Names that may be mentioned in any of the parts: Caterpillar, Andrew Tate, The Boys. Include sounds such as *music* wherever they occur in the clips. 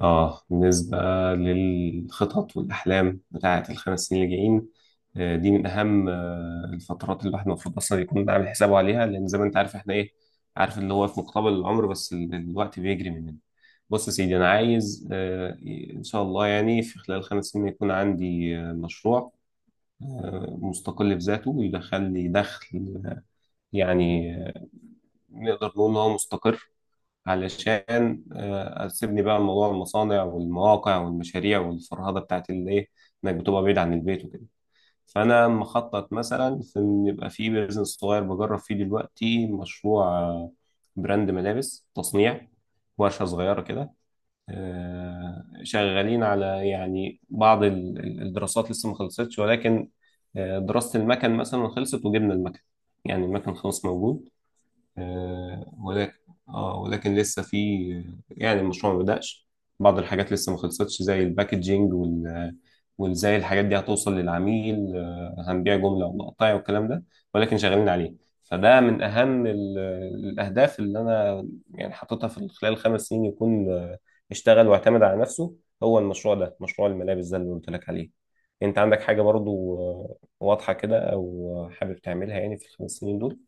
بالنسبة للخطط والأحلام بتاعة الخمس سنين اللي جايين. دي من أهم الفترات اللي الواحد المفروض أصلا يكون عامل حسابه عليها، لأن زي ما أنت عارف إحنا إيه عارف اللي هو في مقتبل العمر، بس الوقت بيجري مننا. بص يا سيدي، أنا عايز إن شاء الله يعني في خلال خمس سنين يكون عندي مشروع مستقل بذاته، ويدخل لي دخل يعني آه، نقدر نقول إن هو مستقر، علشان اسيبني بقى من موضوع المصانع والمواقع والمشاريع والفرهده بتاعت الايه، انك بتبقى بعيد عن البيت وكده. فانا مخطط مثلا في ان يبقى في بيزنس صغير بجرب فيه دلوقتي مشروع براند ملابس تصنيع، ورشه صغيره كده. شغالين على يعني بعض الدراسات لسه ما خلصتش، ولكن دراسه المكن مثلا خلصت وجبنا المكن، يعني المكن خلاص موجود. آه، ولكن اه ولكن لسه في، يعني المشروع ما بدأش. بعض الحاجات لسه ما خلصتش زي الباكجينج وازاي الحاجات دي هتوصل للعميل، هنبيع جملة ولا قطايع والكلام ده، ولكن شغالين عليه. فده من أهم الأهداف اللي أنا يعني حاططها في خلال الخمس سنين، يكون اشتغل واعتمد على نفسه. هو المشروع ده مشروع الملابس ده اللي قلت لك عليه. أنت عندك حاجة برضو واضحة كده أو حابب تعملها يعني في الخمس سنين دول؟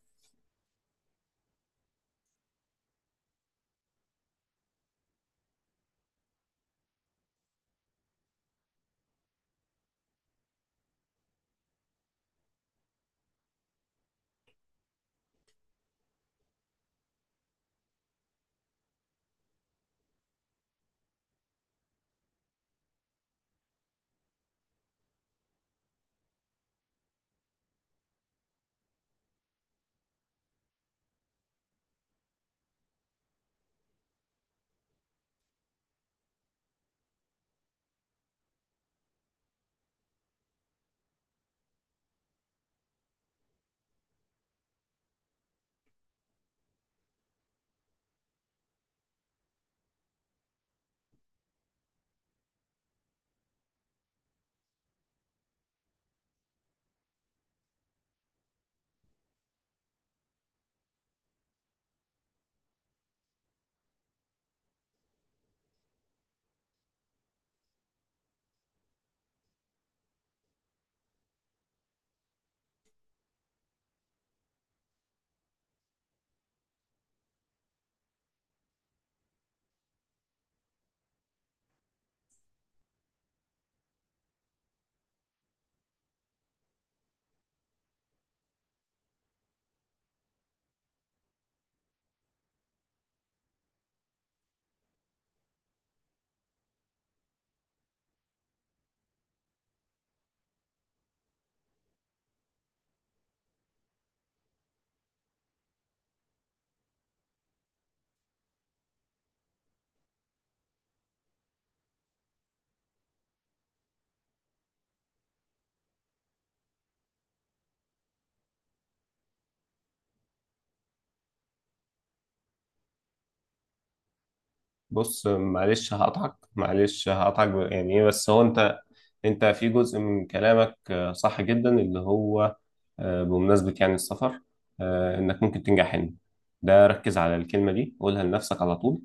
بص معلش هقطعك، معلش هقطعك يعني ايه بس هو انت. انت في جزء من كلامك صح جدا، اللي هو بمناسبة يعني السفر، انك ممكن تنجح هنا، ده ركز على الكلمة دي قولها لنفسك على طول.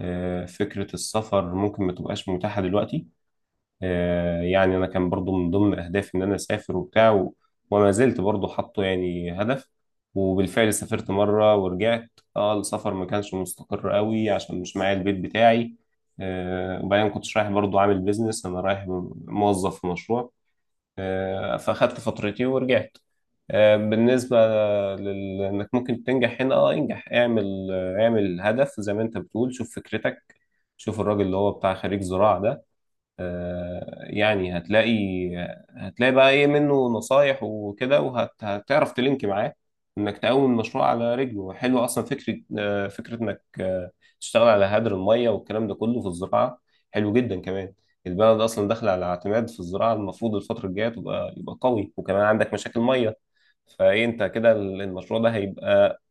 فكرة السفر ممكن ما تبقاش متاحة دلوقتي. يعني انا كان برضو من ضمن اهدافي ان انا اسافر وبتاع وما زلت برضو حاطه يعني هدف، وبالفعل سافرت مره ورجعت. اه، السفر ما كانش مستقر قوي عشان مش معايا البيت بتاعي. وبعدين كنتش رايح برضو عامل بيزنس، انا رايح موظف في مشروع، فاخدت فترتي ورجعت. بالنسبة إنك ممكن تنجح هنا، اه انجح، اعمل اعمل هدف زي ما انت بتقول. شوف فكرتك، شوف الراجل اللي هو بتاع خريج زراعة ده، يعني هتلاقي، بقى ايه منه نصايح وكده، وهتعرف تلينك معاه انك تقوم المشروع على رجله. حلو اصلا فكره، فكره انك تشتغل على هدر الميه والكلام ده كله في الزراعه. حلو جدا كمان. البلد اصلا داخله على اعتماد في الزراعه، المفروض الفتره الجايه يبقى قوي، وكمان عندك مشاكل ميه. فايه انت كده المشروع ده هيبقى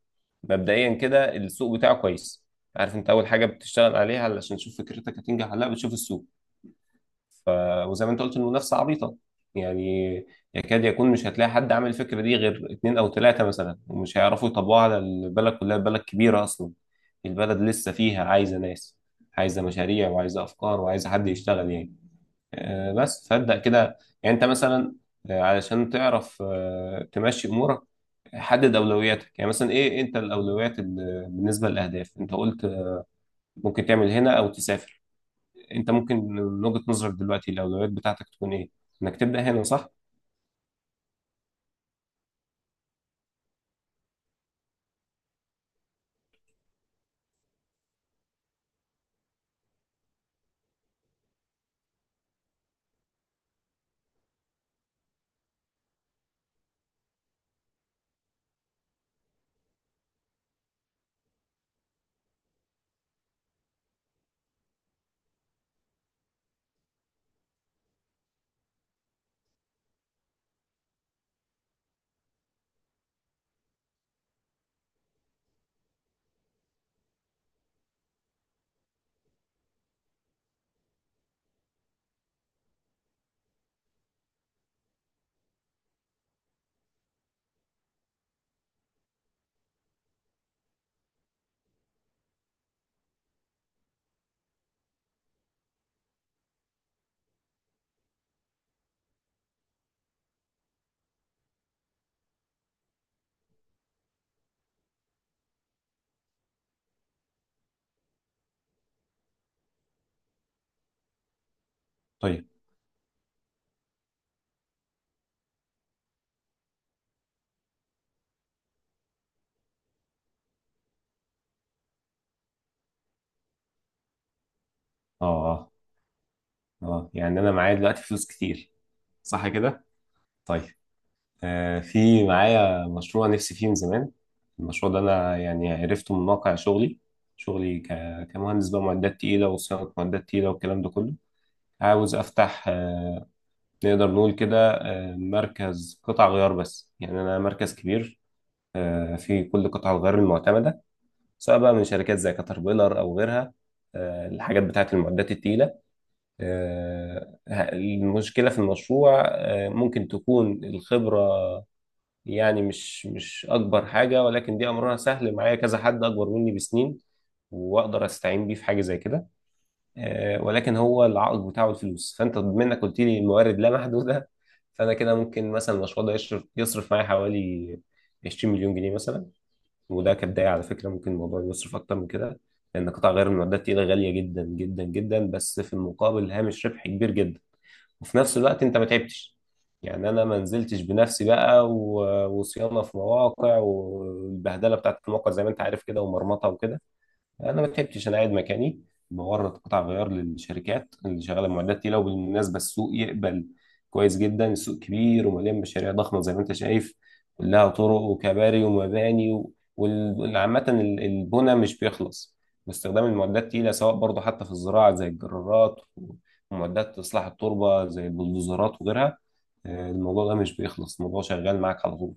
مبدئيا كده السوق بتاعه كويس. عارف انت اول حاجه بتشتغل عليها علشان تشوف فكرتك هتنجح ولا لا؟ بتشوف السوق. ف... وزي ما انت قلت، المنافسه عبيطه، يعني يكاد يكون مش هتلاقي حد عامل الفكره دي غير اتنين او تلاته مثلا، ومش هيعرفوا يطبقوها على البلد كلها، البلد كبيره اصلا. البلد لسه فيها عايزه ناس، عايزه مشاريع وعايزه افكار وعايزه حد يشتغل يعني. بس فابدا كده، يعني انت مثلا علشان تعرف تمشي امورك، حدد اولوياتك. يعني مثلا ايه، إيه انت الاولويات بالنسبه للاهداف؟ انت قلت ممكن تعمل هنا او تسافر. انت ممكن من وجهة نظرك دلوقتي الاولويات بتاعتك تكون ايه؟ انك تبدأ هنا صح؟ طيب. اه. اه. اه، يعني انا معايا دلوقتي فلوس كتير، صح كده؟ طيب. في معايا مشروع نفسي فيه من زمان. المشروع ده انا يعني عرفته من واقع شغلي، شغلي كمهندس بقى معدات تقيلة وصيانة معدات تقيلة والكلام ده كله. عاوز افتح نقدر نقول كده مركز قطع غيار، بس يعني انا مركز كبير في كل قطع الغيار المعتمدة، سواء بقى من شركات زي كاتربيلر او غيرها. الحاجات بتاعت المعدات التقيله. المشكله في المشروع ممكن تكون الخبره، يعني مش اكبر حاجه، ولكن دي امرها سهل، معايا كذا حد اكبر مني بسنين واقدر استعين بيه في حاجه زي كده. ولكن هو العائق بتاعه الفلوس، فانت بما انك قلت لي الموارد لا محدوده، فانا كده ممكن مثلا المشروع ده يشرف يصرف معايا حوالي 20 مليون جنيه مثلا. وده كبداية على فكرة، ممكن الموضوع يصرف أكتر من كده، لأن قطع غيار المعدات التقيلة غالية جدا جدا جدا، بس في المقابل هامش ربح كبير جدا. وفي نفس الوقت أنت ما تعبتش، يعني أنا ما نزلتش بنفسي بقى وصيانة في مواقع والبهدلة بتاعت المواقع زي ما أنت عارف كده، ومرمطة وكده. انا ما بحبش، انا قاعد مكاني بورد قطع غيار للشركات اللي شغاله معدات تقيله. وبالمناسبه السوق يقبل كويس جدا، السوق كبير ومليان مشاريع ضخمه زي ما انت شايف، كلها طرق وكباري ومباني عامه البنى مش بيخلص. واستخدام المعدات التقيله سواء برضه حتى في الزراعه زي الجرارات، ومعدات اصلاح التربه زي البلدوزرات وغيرها. الموضوع ده مش بيخلص، الموضوع شغال معاك على طول.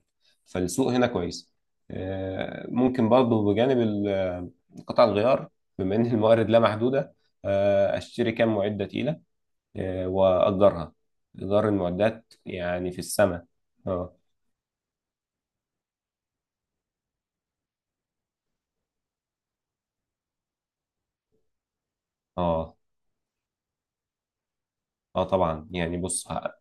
فالسوق هنا كويس. ممكن برضه بجانب قطع الغيار، بما ان الموارد لا محدوده، اشتري كام معده تقيله واجرها. ايجار المعدات يعني في السماء. اه. اه. اه طبعا. يعني بص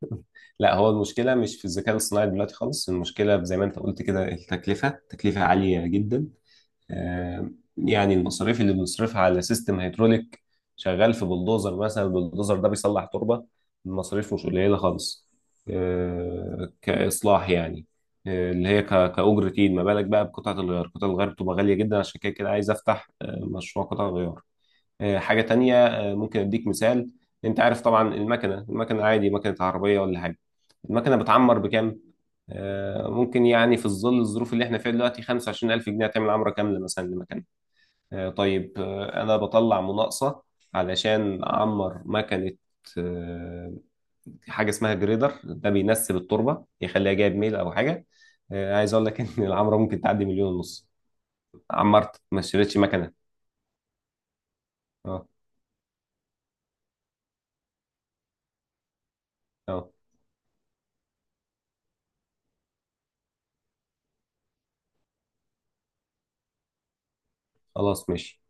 *laughs* لا، هو المشكله مش في الذكاء الصناعي دلوقتي خالص. المشكله زي ما انت قلت كده، التكلفه تكلفه عاليه جدا. آه، يعني المصاريف اللي بنصرفها على سيستم هيدروليك شغال في بلدوزر مثلا، البلدوزر ده بيصلح تربة، المصاريف مش قليلة خالص، كإصلاح يعني آه، اللي هي ك- كأجرة إيد. ما بالك بقى بقطعة الغيار، قطعة الغيار بتبقى غالية جدا، عشان كده كده عايز أفتح مشروع قطع غيار. حاجة تانية ممكن أديك مثال. أنت عارف طبعا المكنة، المكنة عادي مكنة عربية ولا حاجة، المكنة بتعمر بكام؟ ممكن يعني في ظل الظروف اللي احنا فيها دلوقتي 25,000 جنيه تعمل عمرة كاملة مثلا لمكنة. طيب انا بطلع مناقصه علشان اعمر مكنه آه، حاجه اسمها جريدر، ده بينسب التربه يخليها جايب ميل او حاجه. عايز اقول لك *laughs* ان العمره ممكن تعدي مليون ونص. عمرت ما اشتريتش مكنه. اه. اه. خلاص ماشي.